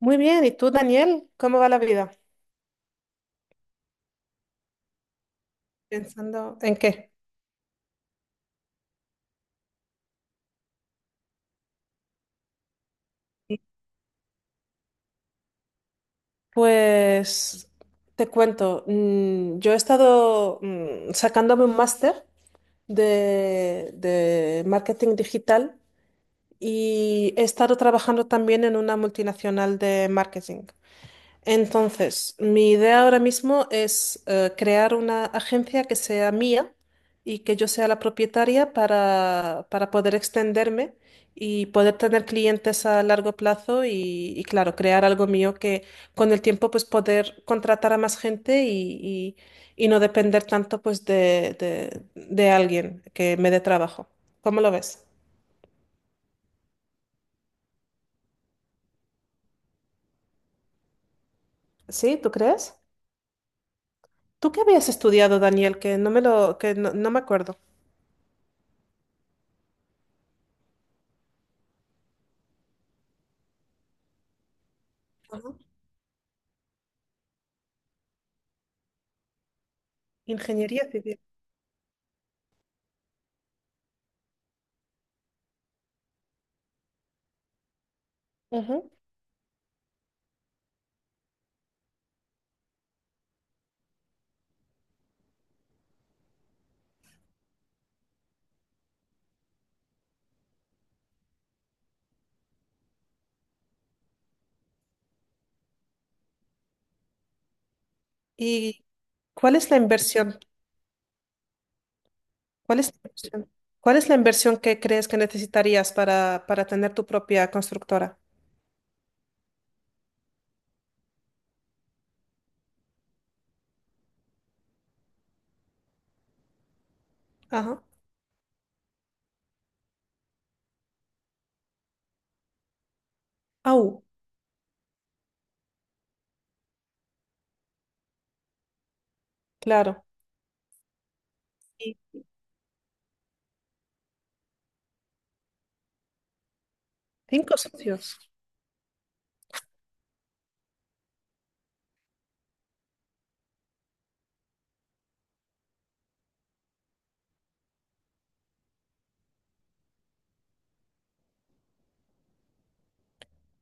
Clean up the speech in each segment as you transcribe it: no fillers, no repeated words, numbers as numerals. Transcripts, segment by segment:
Muy bien, ¿y tú, Daniel? ¿Cómo va la vida? Pensando en qué. Pues te cuento, yo he estado sacándome un máster de marketing digital y he estado trabajando también en una multinacional de marketing. Entonces, mi idea ahora mismo es crear una agencia que sea mía y que yo sea la propietaria para poder extenderme y poder tener clientes a largo plazo claro, crear algo mío que con el tiempo pues poder contratar a más gente y no depender tanto pues de alguien que me dé trabajo. ¿Cómo lo ves? ¿Sí? ¿Tú crees? ¿Tú qué habías estudiado, Daniel? Que no me acuerdo. Ingeniería civil. Ujú. ¿Y cuál es la inversión? ¿Cuál es la inversión? ¿Cuál es la inversión que crees que necesitarías para tener tu propia constructora? Ajá. Au, claro. Y cinco socios.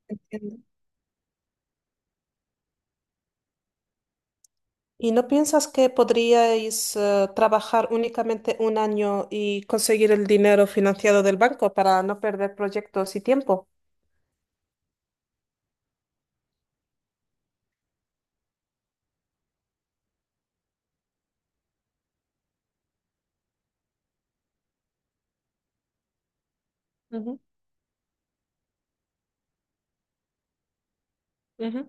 Entiendo. ¿Y no piensas que podríais trabajar únicamente un año y conseguir el dinero financiado del banco para no perder proyectos y tiempo? Ujú, ujú.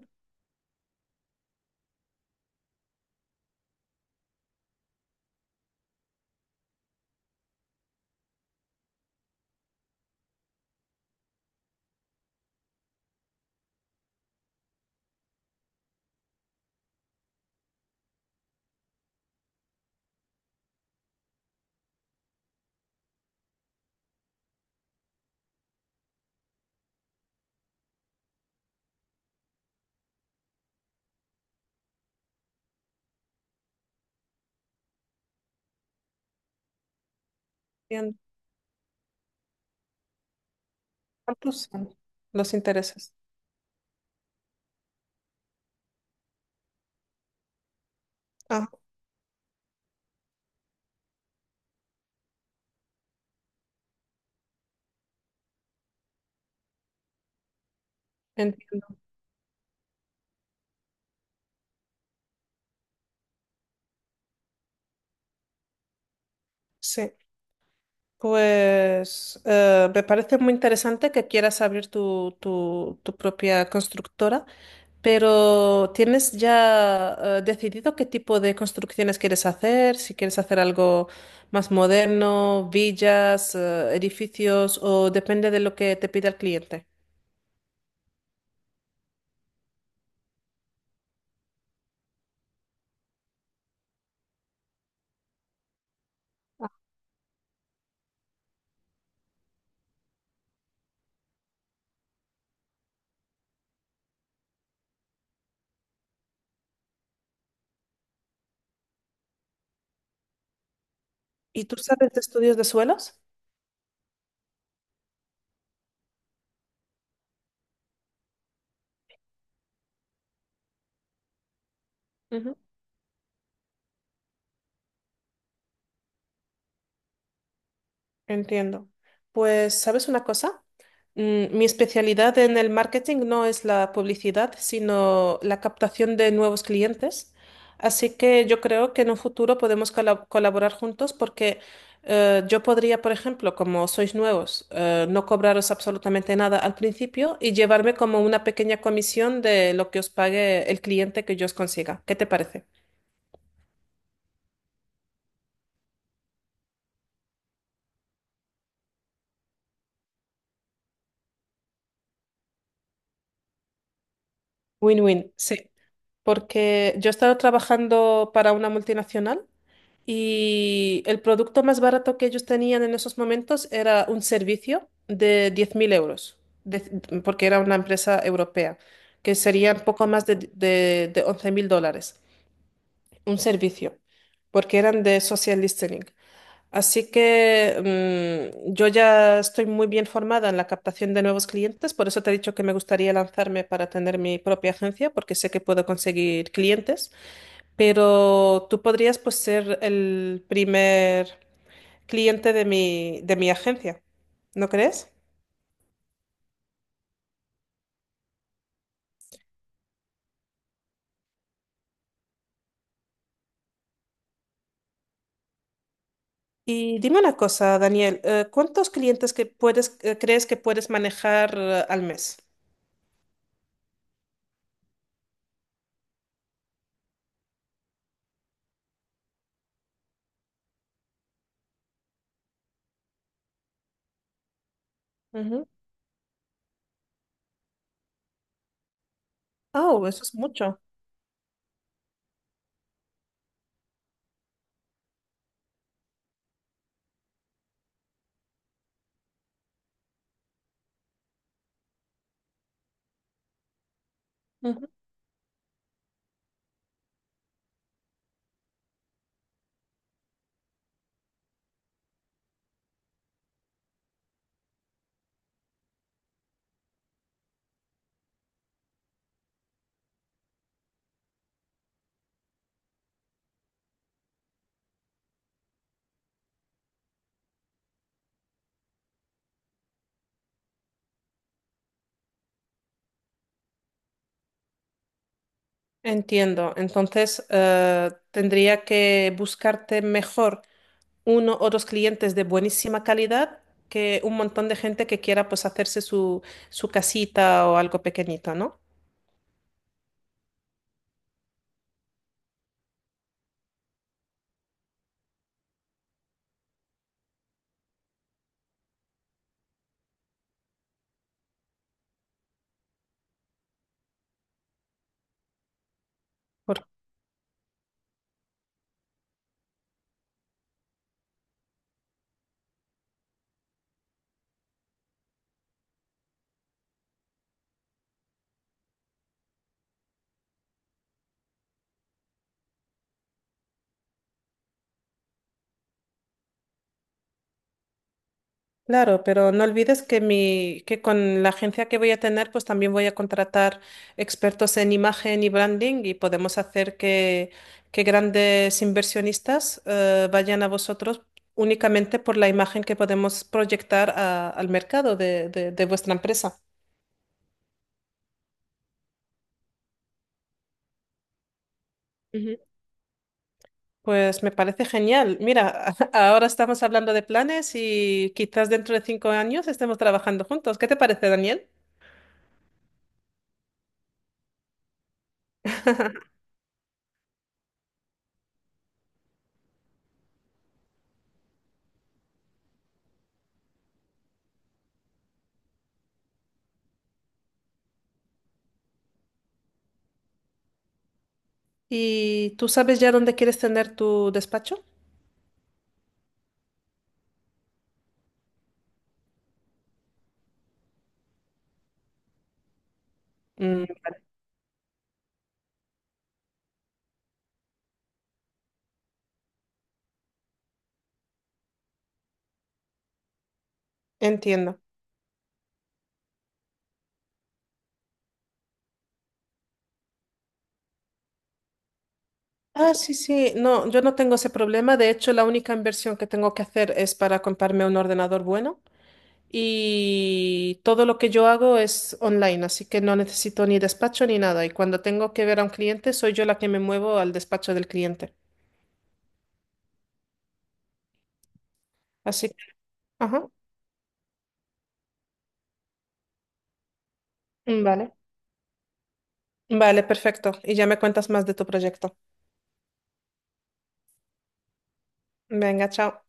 Entiendo. ¿Cuántos son los intereses? Ah, entiendo. Sí. Pues me parece muy interesante que quieras abrir tu propia constructora, pero ¿tienes ya decidido qué tipo de construcciones quieres hacer? Si quieres hacer algo más moderno, villas, edificios, o depende de lo que te pida el cliente. ¿Y tú sabes de estudios de suelos? Entiendo. Pues, ¿sabes una cosa? Mi especialidad en el marketing no es la publicidad, sino la captación de nuevos clientes. Así que yo creo que en un futuro podemos colaborar juntos porque yo podría, por ejemplo, como sois nuevos, no cobraros absolutamente nada al principio y llevarme como una pequeña comisión de lo que os pague el cliente que yo os consiga. ¿Qué te parece? Win-win. Sí. Porque yo he estado trabajando para una multinacional y el producto más barato que ellos tenían en esos momentos era un servicio de 10.000 euros, de- porque era una empresa europea, que serían poco más de 11.000 dólares, un servicio, porque eran de social listening. Así que yo ya estoy muy bien formada en la captación de nuevos clientes, por eso te he dicho que me gustaría lanzarme para tener mi propia agencia, porque sé que puedo conseguir clientes, pero tú podrías pues ser el primer cliente de mi agencia, ¿no crees? Y dime una cosa, Daniel, ¿cuántos clientes crees que puedes manejar al mes? Ujú. Oh, eso es mucho. Ujú. Entiendo. Entonces, tendría que buscarte mejor uno o dos clientes de buenísima calidad que un montón de gente que quiera pues hacerse su casita o algo pequeñito, ¿no? Claro, pero no olvides que con la agencia que voy a tener, pues también voy a contratar expertos en imagen y branding y podemos hacer que grandes inversionistas vayan a vosotros únicamente por la imagen que podemos proyectar al mercado de vuestra empresa. Ujú. Pues me parece genial. Mira, ahora estamos hablando de planes y quizás dentro de 5 años estemos trabajando juntos. ¿Qué te parece, Daniel? ¿Y tú sabes ya dónde quieres tener tu despacho? Mm, entiendo. Ah, sí, sí, no, yo no tengo ese problema. De hecho, la única inversión que tengo que hacer es para comprarme un ordenador bueno y todo lo que yo hago es online, así que no necesito ni despacho ni nada. Y cuando tengo que ver a un cliente, soy yo la que me muevo al despacho del cliente. Así que, ajá, vale. Vale, perfecto. Y ya me cuentas más de tu proyecto. Venga, chao.